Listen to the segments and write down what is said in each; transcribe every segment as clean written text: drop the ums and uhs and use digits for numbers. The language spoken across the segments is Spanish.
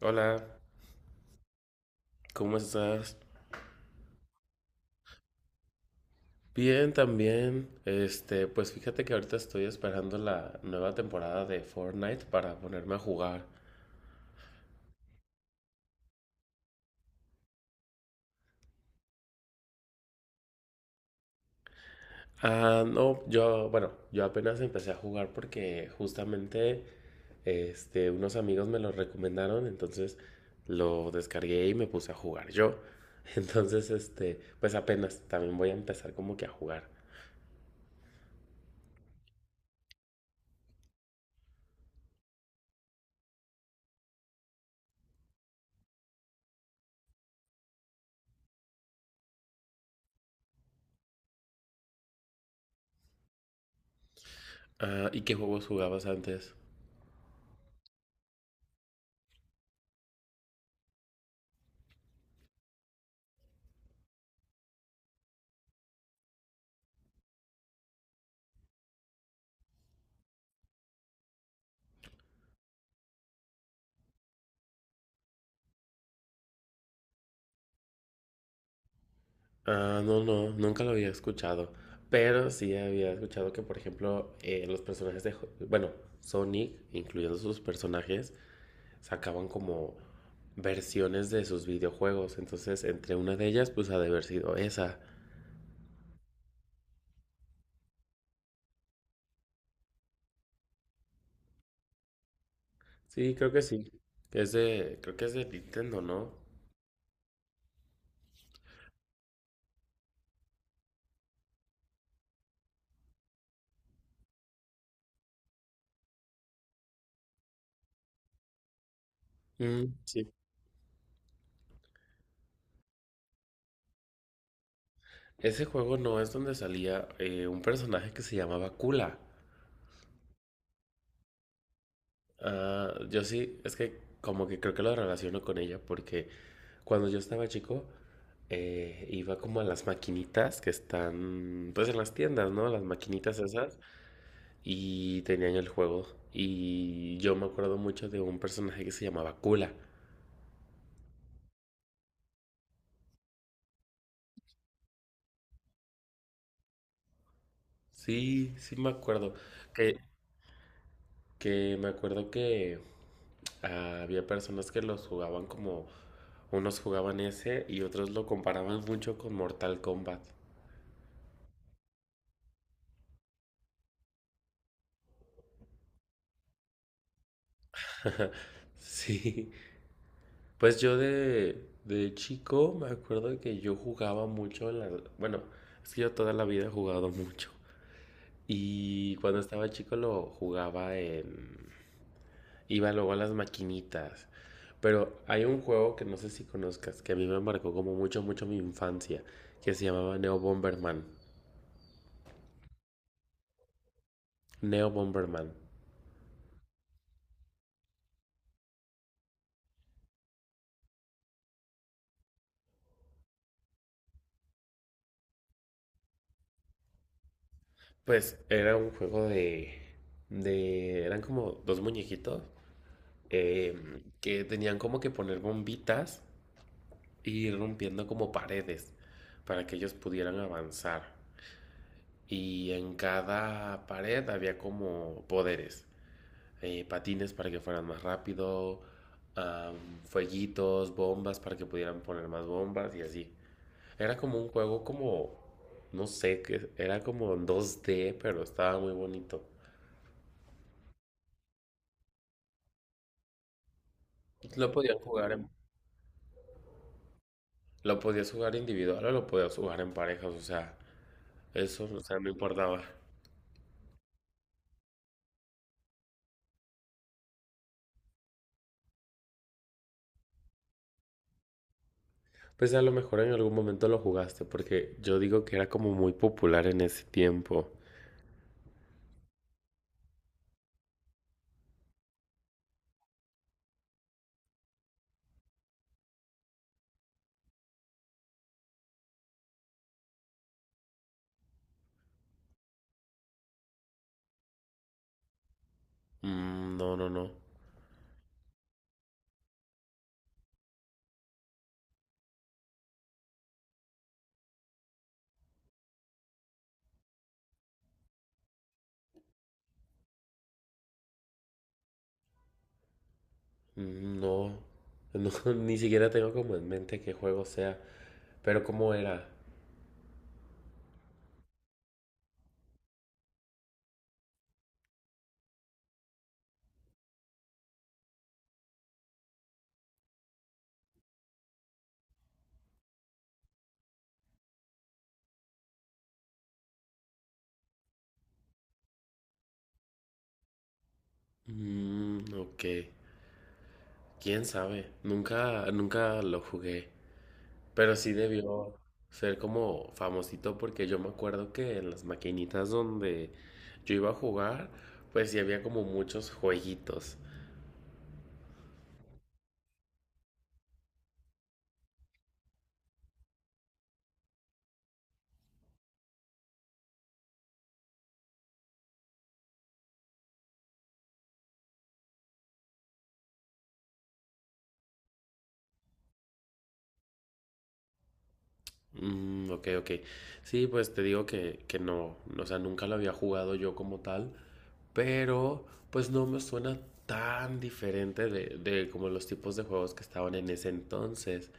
Hola, ¿cómo estás? Bien, también. Pues fíjate que ahorita estoy esperando la nueva temporada de Fortnite para ponerme a jugar. Ah, no, yo, bueno, yo apenas empecé a jugar porque justamente, unos amigos me lo recomendaron, entonces lo descargué y me puse a jugar yo. Entonces, pues apenas, también voy a empezar como que a jugar. Ah, ¿y qué juegos jugabas antes? Ah, no, no, nunca lo había escuchado. Pero sí había escuchado que, por ejemplo, los personajes de Sonic, incluyendo sus personajes, sacaban como versiones de sus videojuegos. Entonces, entre una de ellas, pues ha de haber sido esa. Sí, creo que sí. Creo que es de Nintendo, ¿no? Mm, sí. Ese juego no es donde salía un personaje que se llamaba Kula. Ah, yo sí, es que como que creo que lo relaciono con ella porque cuando yo estaba chico, iba como a las maquinitas que están, pues en las tiendas, ¿no? Las maquinitas esas. Y tenían el juego. Y yo me acuerdo mucho de un personaje que se llamaba Kula. Sí, sí me acuerdo. Que, que me acuerdo que había personas que los jugaban como... Unos jugaban ese y otros lo comparaban mucho con Mortal Kombat. Sí. Pues yo de chico me acuerdo que yo jugaba mucho, bueno, es que yo toda la vida he jugado mucho. Y cuando estaba chico lo jugaba en... Iba luego a las maquinitas. Pero hay un juego que no sé si conozcas, que a mí me marcó como mucho, mucho mi infancia, que se llamaba Neo Bomberman. Neo Bomberman. Pues era un juego de... De eran como dos muñequitos eh, que tenían como que poner bombitas y ir rompiendo como paredes para que ellos pudieran avanzar. Y en cada pared había como poderes, patines para que fueran más rápido, fueguitos, bombas para que pudieran poner más bombas y así. Era como un juego como, no sé, que era como en dos d, pero estaba muy bonito. Lo podías jugar en, lo podías jugar individual o lo podías jugar en parejas, o sea, eso, o sea, no importaba. Pues a lo mejor en algún momento lo jugaste, porque yo digo que era como muy popular en ese tiempo. Mm, no, no, no. Mm, no. No, ni siquiera tengo como en mente qué juego sea. Pero cómo era. Mm, ok. Quién sabe. Nunca, nunca lo jugué. Pero sí debió ser como famosito, porque yo me acuerdo que en las maquinitas donde yo iba a jugar, pues sí había como muchos jueguitos. Mm, ok, ok. Sí, pues te digo que no, o sea, nunca lo había jugado yo como tal, pero pues no me suena tan diferente de como los tipos de juegos que estaban en ese entonces.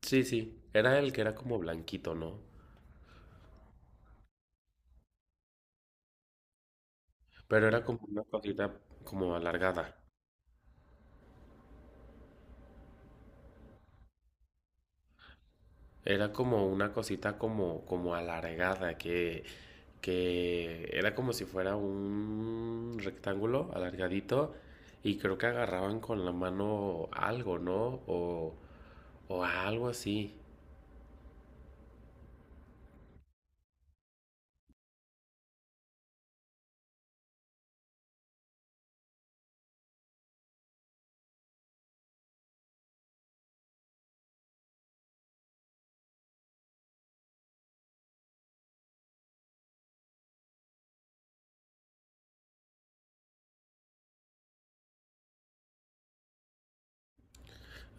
Sí, sí, era el que era como blanquito, ¿no? Pero era como una cosita como alargada. Era como una cosita como alargada que era como si fuera un rectángulo alargadito, y creo que agarraban con la mano algo, ¿no? O algo así.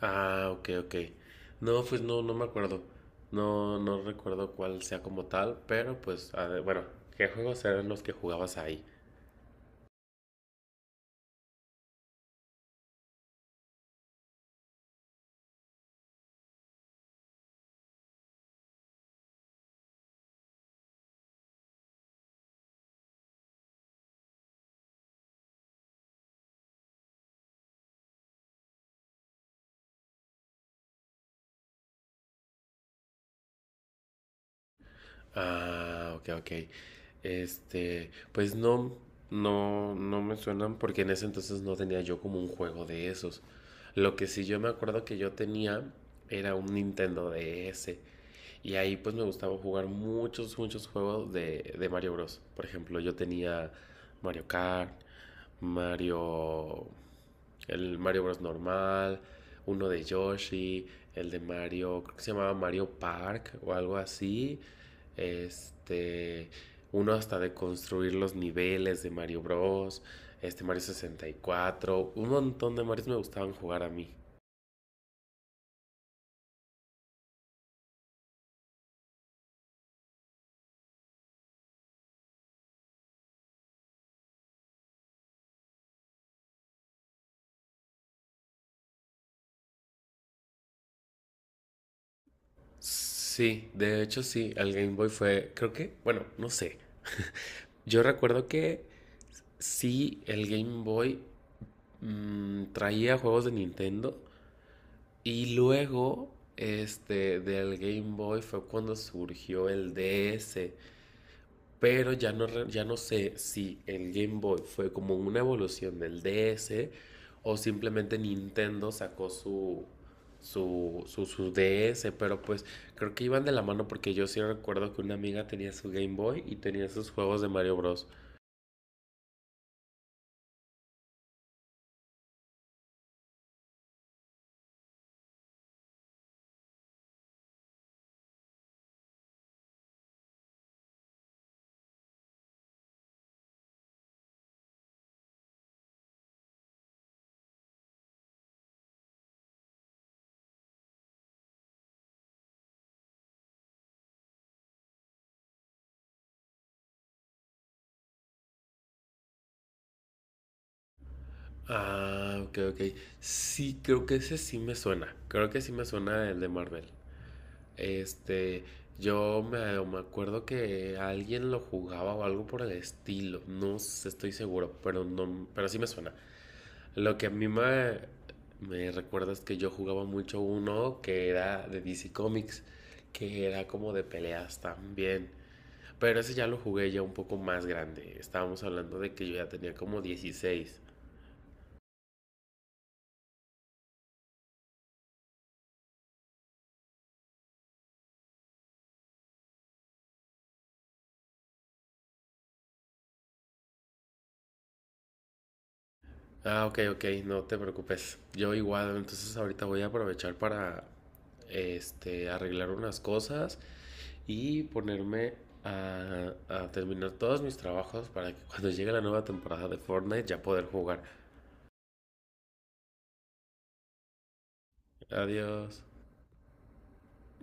Ah, ok, ok. No, pues no, no me acuerdo. No, no recuerdo cuál sea como tal, pero pues, a ver, bueno, ¿qué juegos eran los que jugabas ahí? Ah, ok, ok. Pues no, no, no me suenan porque en ese entonces no tenía yo como un juego de esos. Lo que sí yo me acuerdo que yo tenía era un Nintendo DS, y ahí pues me gustaba jugar muchos, muchos juegos de Mario Bros. Por ejemplo, yo tenía Mario Kart, Mario... El Mario Bros. Normal, uno de Yoshi, el de Mario, creo que se llamaba Mario Park o algo así. Este, uno hasta de construir los niveles de Mario Bros. Este Mario 64, un montón de Marios me gustaban jugar a mí. Sí, de hecho sí, el Game Boy fue, creo que, bueno, no sé. Yo recuerdo que sí, el Game Boy traía juegos de Nintendo y luego, del Game Boy fue cuando surgió el DS, pero ya no, ya no sé si el Game Boy fue como una evolución del DS o simplemente Nintendo sacó su DS, pero pues creo que iban de la mano porque yo sí recuerdo que una amiga tenía su Game Boy y tenía sus juegos de Mario Bros. Ah, ok, ok. Sí, creo que ese sí me suena. Creo que sí me suena el de Marvel. Este, yo me acuerdo que alguien lo jugaba o algo por el estilo. No sé, estoy seguro, pero no, pero sí me suena. Lo que a mí me recuerda es que yo jugaba mucho uno que era de DC Comics, que era como de peleas también. Pero ese ya lo jugué ya un poco más grande. Estábamos hablando de que yo ya tenía como 16. Ah, ok, ok, no te preocupes. Yo igual, entonces ahorita voy a aprovechar para arreglar unas cosas y ponerme a terminar todos mis trabajos para que cuando llegue la nueva temporada de Fortnite ya poder jugar. Adiós.